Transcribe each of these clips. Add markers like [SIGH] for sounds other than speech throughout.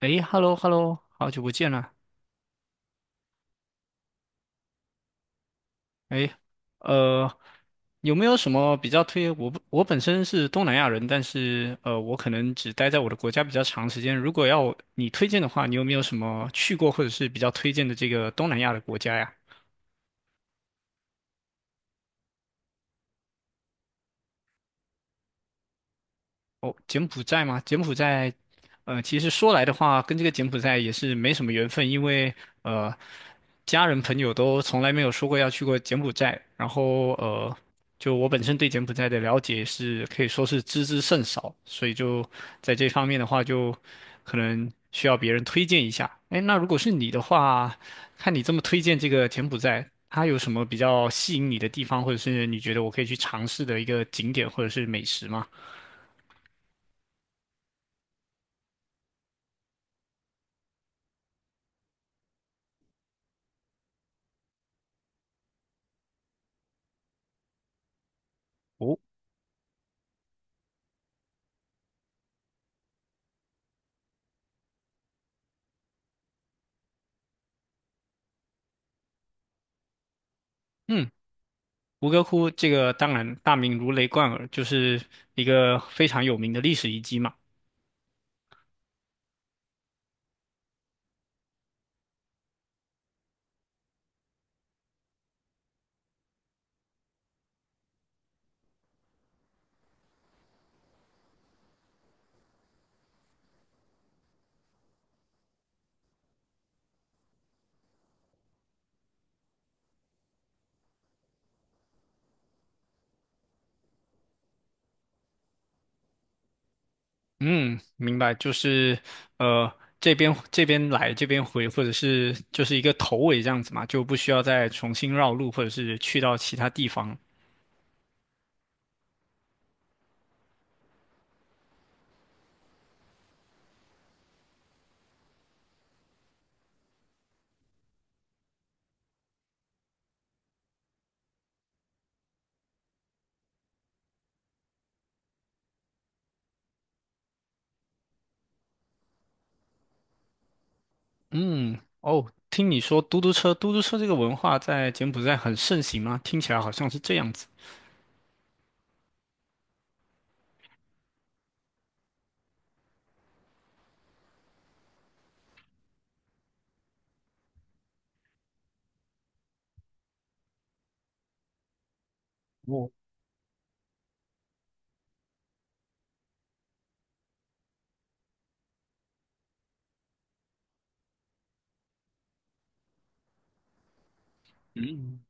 诶， hello hello 好久不见了。诶，呃，有没有什么比较推？我不我本身是东南亚人，但是我可能只待在我的国家比较长时间。如果要你推荐的话，你有没有什么去过或者是比较推荐的这个东南亚的国家呀？哦，柬埔寨吗？柬埔寨，其实说来的话，跟这个柬埔寨也是没什么缘分，因为呃，家人朋友都从来没有说过要去过柬埔寨，然后就我本身对柬埔寨的了解是可以说是知之甚少，所以就在这方面的话，就可能需要别人推荐一下。哎，那如果是你的话，看你这么推荐这个柬埔寨，它有什么比较吸引你的地方，或者是你觉得我可以去尝试的一个景点或者是美食吗？哦，嗯。吴哥窟这个当然大名如雷贯耳，就是一个非常有名的历史遗迹嘛。嗯，明白，就是呃这边来这边回，或者是就是一个头尾这样子嘛，就不需要再重新绕路，或者是去到其他地方。嗯，哦，听你说嘟嘟车，嘟嘟车这个文化在柬埔寨很盛行吗？听起来好像是这样子。哦，嗯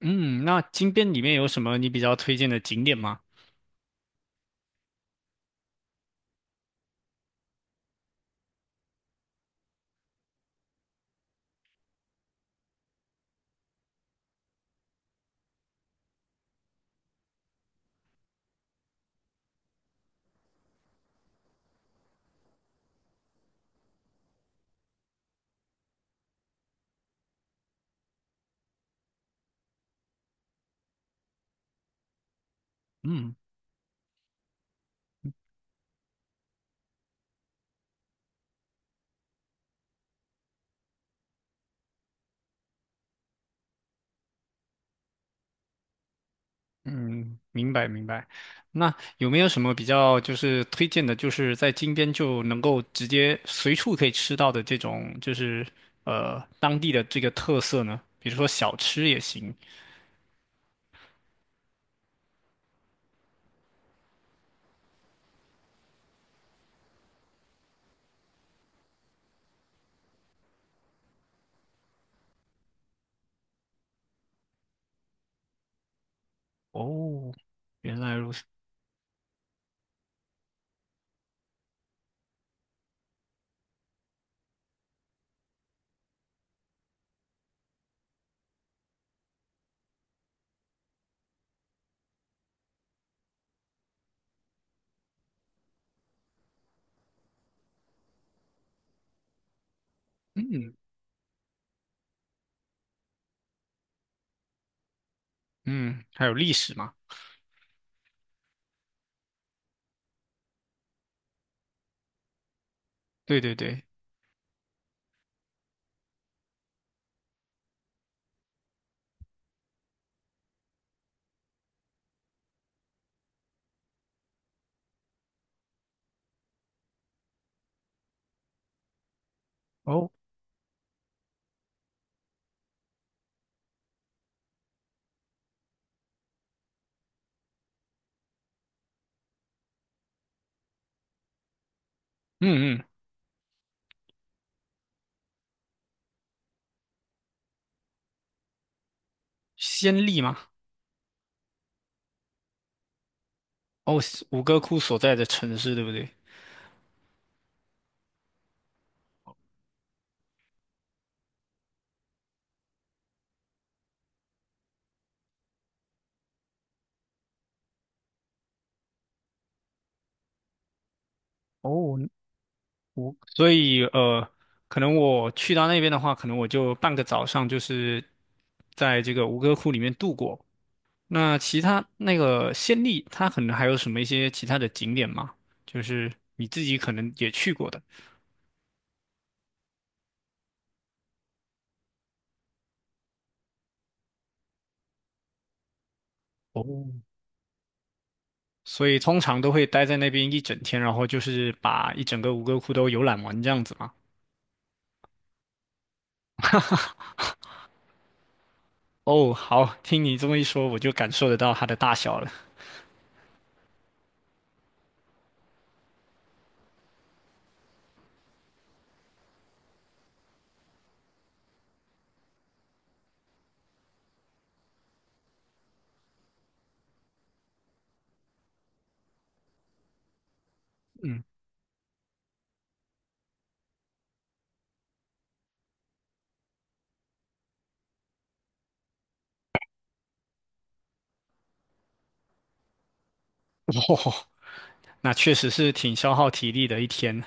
嗯，那金边里面有什么你比较推荐的景点吗？嗯。嗯，明白明白。那有没有什么比较就是推荐的，就是在金边就能够直接随处可以吃到的这种，就是当地的这个特色呢？比如说小吃也行。哦，原来如此。嗯嗯，还有历史嘛？对对对。哦，嗯嗯，先例吗？哦，五哥窟所在的城市，对不对？哦。我所以可能我去到那边的话，可能我就半个早上就是在这个吴哥窟里面度过。那其他那个暹粒，它可能还有什么一些其他的景点吗？就是你自己可能也去过的，哦，所以通常都会待在那边一整天，然后就是把一整个吴哥窟都游览完这样子嘛。哦，好，听你这么一说，我就感受得到它的大小了。嗯，那确实是挺消耗体力的一天。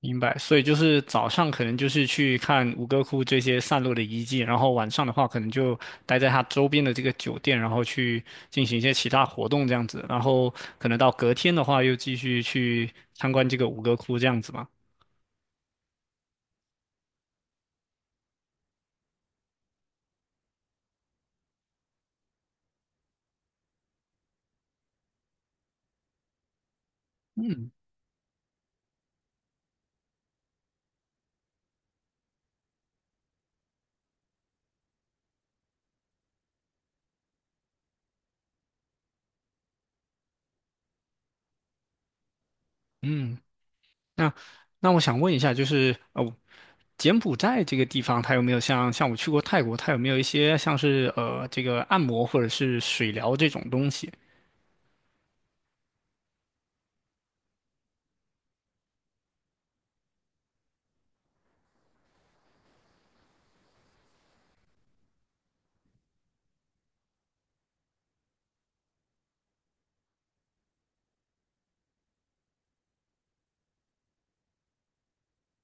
明白，所以就是早上可能就是去看吴哥窟这些散落的遗迹，然后晚上的话可能就待在它周边的这个酒店，然后去进行一些其他活动这样子，然后可能到隔天的话又继续去参观这个吴哥窟这样子嘛。嗯，那我想问一下，就是哦，柬埔寨这个地方它有没有像我去过泰国，它有没有一些像是这个按摩或者是水疗这种东西？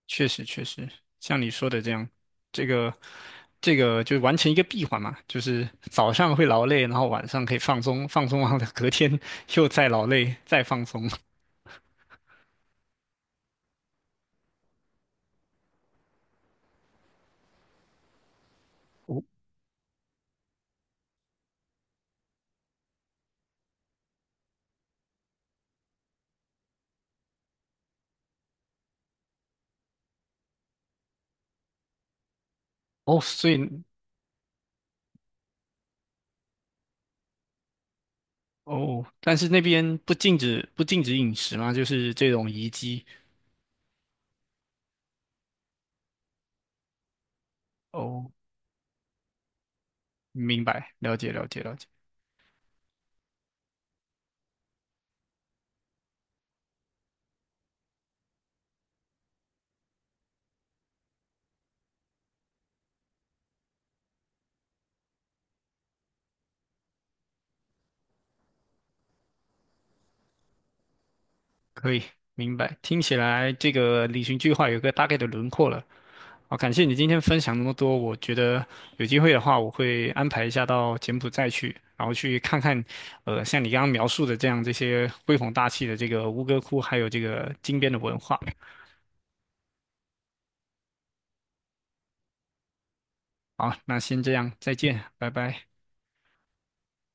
确实确实，像你说的这样，这个这个就完成一个闭环嘛，就是早上会劳累，然后晚上可以放松，放松完了隔天 [LAUGHS] 又再劳累，再放松。哦，所以哦，但是那边不禁止饮食嘛，就是这种遗机哦，明白，了解了解了解，可以明白。听起来这个旅行计划有个大概的轮廓了。好，感谢你今天分享那么多。我觉得有机会的话，我会安排一下到柬埔寨去，然后去看看，像你刚刚描述的这样这些恢弘大气的这个吴哥窟，还有这个金边的文化。好，那先这样，再见，拜拜。